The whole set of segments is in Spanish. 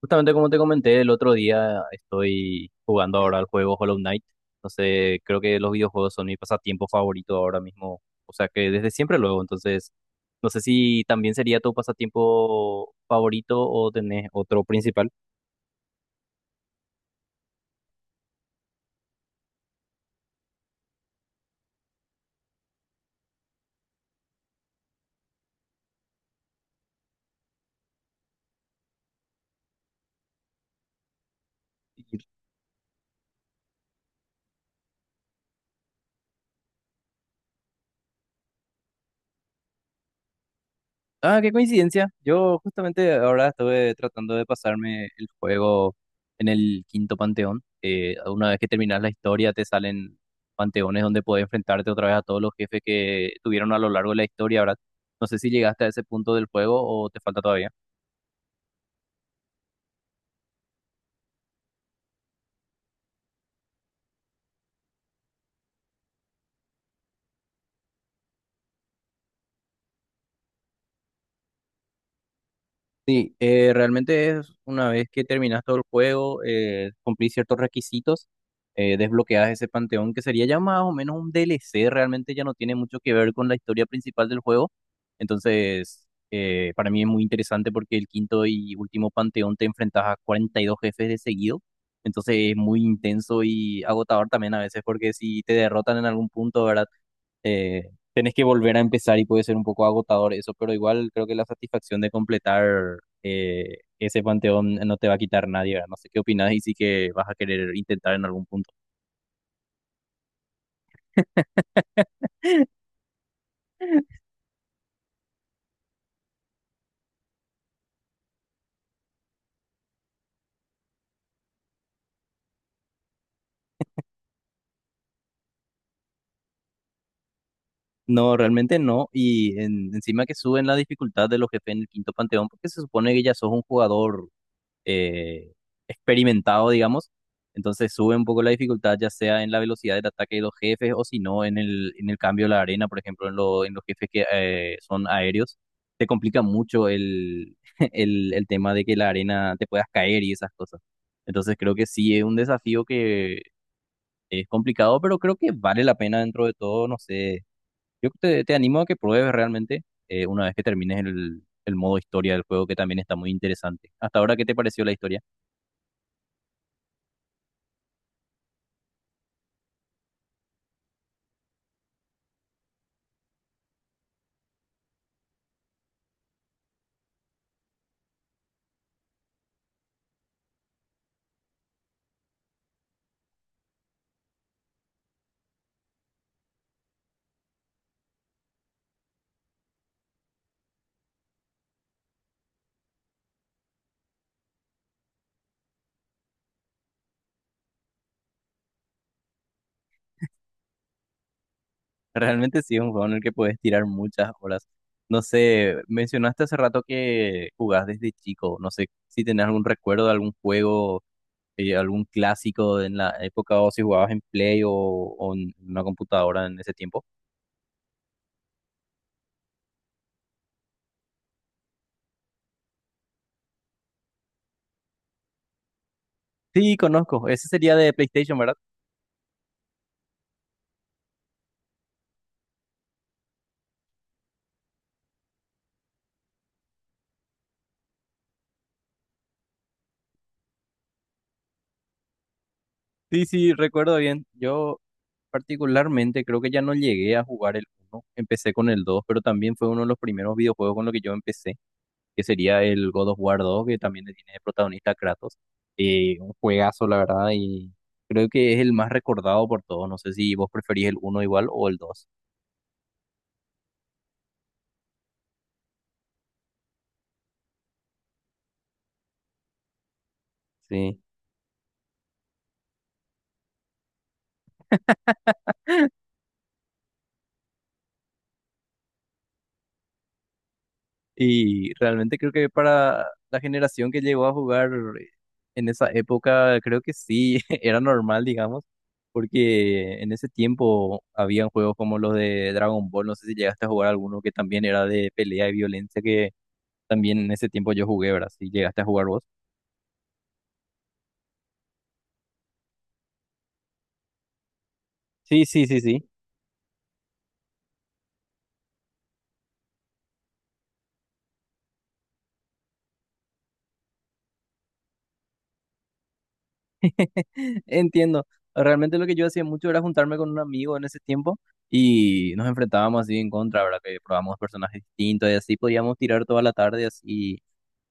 Justamente como te comenté el otro día, estoy jugando ahora el juego Hollow Knight. Entonces, creo que los videojuegos son mi pasatiempo favorito ahora mismo. O sea que desde siempre luego. Entonces, no sé si también sería tu pasatiempo favorito o tenés otro principal. Ah, qué coincidencia. Yo justamente ahora estuve tratando de pasarme el juego en el quinto panteón. Una vez que terminas la historia, te salen panteones donde puedes enfrentarte otra vez a todos los jefes que tuvieron a lo largo de la historia, ¿verdad? No sé si llegaste a ese punto del juego o te falta todavía. Sí, realmente es una vez que terminas todo el juego, cumplís ciertos requisitos, desbloqueas ese panteón que sería ya más o menos un DLC, realmente ya no tiene mucho que ver con la historia principal del juego. Entonces, para mí es muy interesante porque el quinto y último panteón te enfrentas a 42 jefes de seguido. Entonces es muy intenso y agotador también a veces porque si te derrotan en algún punto, ¿verdad? Tenés que volver a empezar y puede ser un poco agotador eso, pero igual creo que la satisfacción de completar ese panteón no te va a quitar nadie, ¿verdad? No sé qué opinás y sí que vas a querer intentar en algún punto. No, realmente no. Y encima que suben la dificultad de los jefes en el quinto panteón, porque se supone que ya sos un jugador eh, experimentado, digamos. Entonces sube un poco la dificultad, ya sea en la velocidad del ataque de los jefes o si no en el cambio de la arena, por ejemplo, en los jefes que son aéreos. Te complica mucho el, el tema de que la arena te puedas caer y esas cosas. Entonces creo que sí es un desafío que es complicado, pero creo que vale la pena dentro de todo. No sé, yo te animo a que pruebes realmente una vez que termines el modo historia del juego, que también está muy interesante. Hasta ahora, ¿qué te pareció la historia? Realmente sí es un juego en el que puedes tirar muchas horas. No sé, mencionaste hace rato que jugás desde chico. No sé si tenés algún recuerdo de algún juego, algún clásico de en la época o si jugabas en Play o en una computadora en ese tiempo. Sí, conozco. Ese sería de PlayStation, ¿verdad? Sí, sí, recuerdo bien. Yo particularmente creo que ya no llegué a jugar el uno. Empecé con el 2, pero también fue uno de los primeros videojuegos con los que yo empecé. Que sería el God of War 2 que también le tiene de protagonista a Kratos. Un juegazo, la verdad, y creo que es el más recordado por todos. No sé si vos preferís el uno igual o el dos. Sí. Y realmente creo que para la generación que llegó a jugar eh, en esa época, creo que sí, era normal, digamos, porque en ese tiempo habían juegos como los de Dragon Ball, no sé si llegaste a jugar alguno que también era de pelea y violencia, que también en ese tiempo yo jugué, ¿verdad? Si llegaste a jugar vos. Sí, sí, sí, sí. Entiendo. Realmente lo que yo hacía mucho era juntarme con un amigo en ese tiempo y nos enfrentábamos así en contra, ¿verdad? Que probábamos personajes distintos y así podíamos tirar toda la tarde así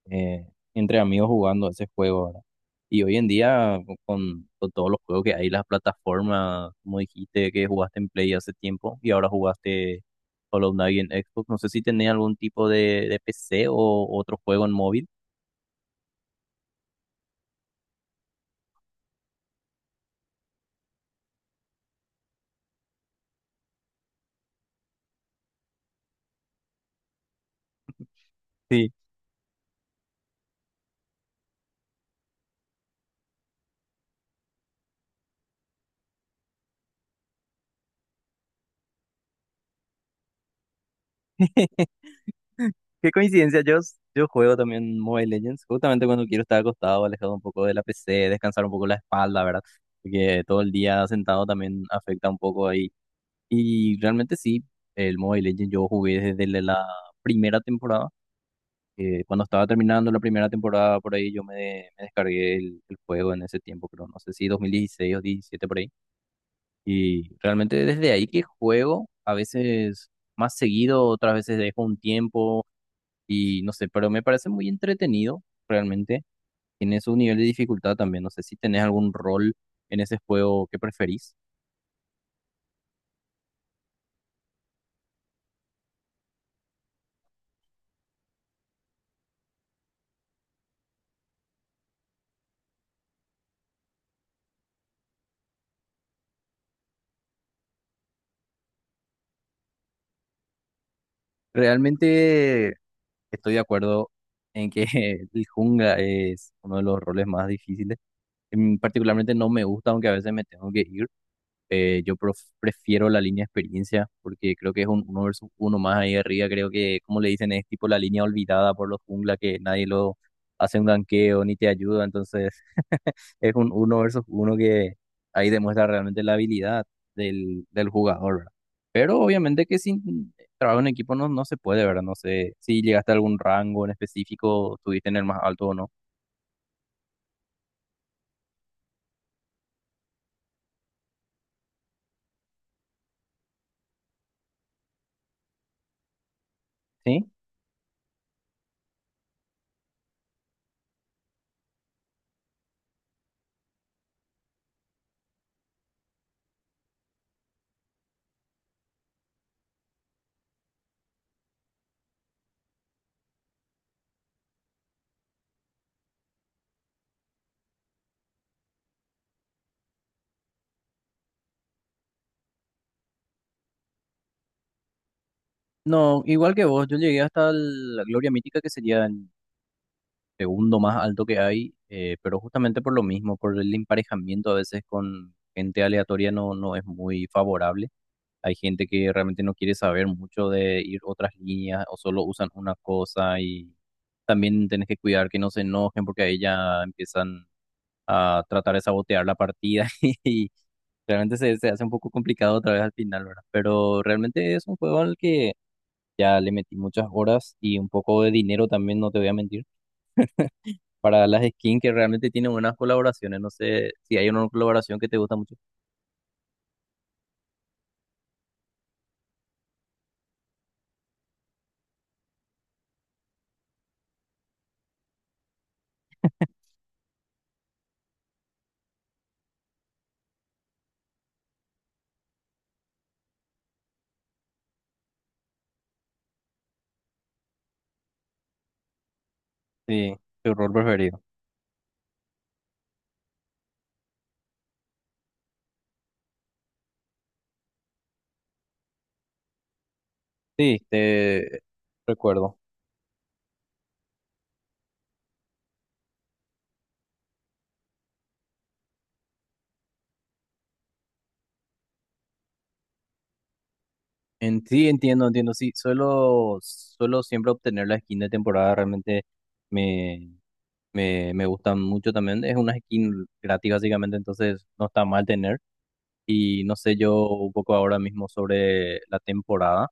eh, entre amigos jugando ese juego, ¿verdad? Y hoy en día con todos los juegos que hay, las plataformas, como dijiste que jugaste en Play hace tiempo y ahora jugaste Hollow Knight en Xbox, no sé si tenés algún tipo de PC o otro juego en móvil. Sí. Qué coincidencia, yo juego también Mobile Legends, justamente cuando quiero estar acostado, alejado un poco de la PC, descansar un poco la espalda, ¿verdad? Porque todo el día sentado también afecta un poco ahí. Y realmente sí, el Mobile Legends yo jugué desde la primera temporada. Cuando estaba terminando la primera temporada, por ahí yo me descargué el juego en ese tiempo, pero no sé si 2016 o 17 por ahí. Y realmente desde ahí que juego, a veces más seguido, otras veces dejo un tiempo. Y no sé, pero me parece muy entretenido, realmente. Tiene su nivel de dificultad también. No sé si tenés algún rol en ese juego que preferís. Realmente estoy de acuerdo en que el jungla es uno de los roles más difíciles. Particularmente no me gusta, aunque a veces me tengo que ir. Yo prefiero la línea experiencia porque creo que es un uno versus uno más ahí arriba. Creo que, como le dicen, es tipo la línea olvidada por los jungla que nadie lo hace un ganqueo ni te ayuda. Entonces, es un uno versus uno que ahí demuestra realmente la habilidad del jugador, ¿verdad? Pero obviamente que sin trabajo en equipo no, no se puede, ¿verdad? No sé si llegaste a algún rango en específico, estuviste en el más alto o no. Sí. No, igual que vos, yo llegué hasta la Gloria Mítica, que sería segundo más alto que hay, pero justamente por lo mismo, por el emparejamiento a veces con gente aleatoria no, no es muy favorable. Hay gente que realmente no quiere saber mucho de ir otras líneas o solo usan una cosa y también tenés que cuidar que no se enojen porque ahí ya empiezan a tratar de sabotear la partida y realmente se hace un poco complicado otra vez al final, ¿verdad? Pero realmente es un juego al que ya le metí muchas horas y un poco de dinero también, no te voy a mentir para las skins que realmente tienen buenas colaboraciones. No sé si hay una colaboración que te gusta mucho. Sí, tu rol preferido. Sí, te recuerdo. En sí, entiendo, entiendo. Sí, suelo, suelo siempre obtener la skin de temporada. Realmente me, me gustan mucho también. Es una skin gratis básicamente, entonces no está mal tener. Y no sé yo un poco ahora mismo sobre la temporada.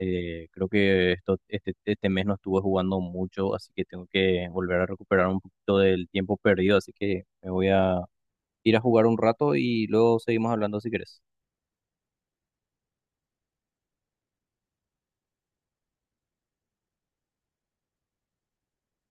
Creo que este mes no estuve jugando mucho, así que tengo que volver a recuperar un poquito del tiempo perdido, así que me voy a ir a jugar un rato y luego seguimos hablando si querés.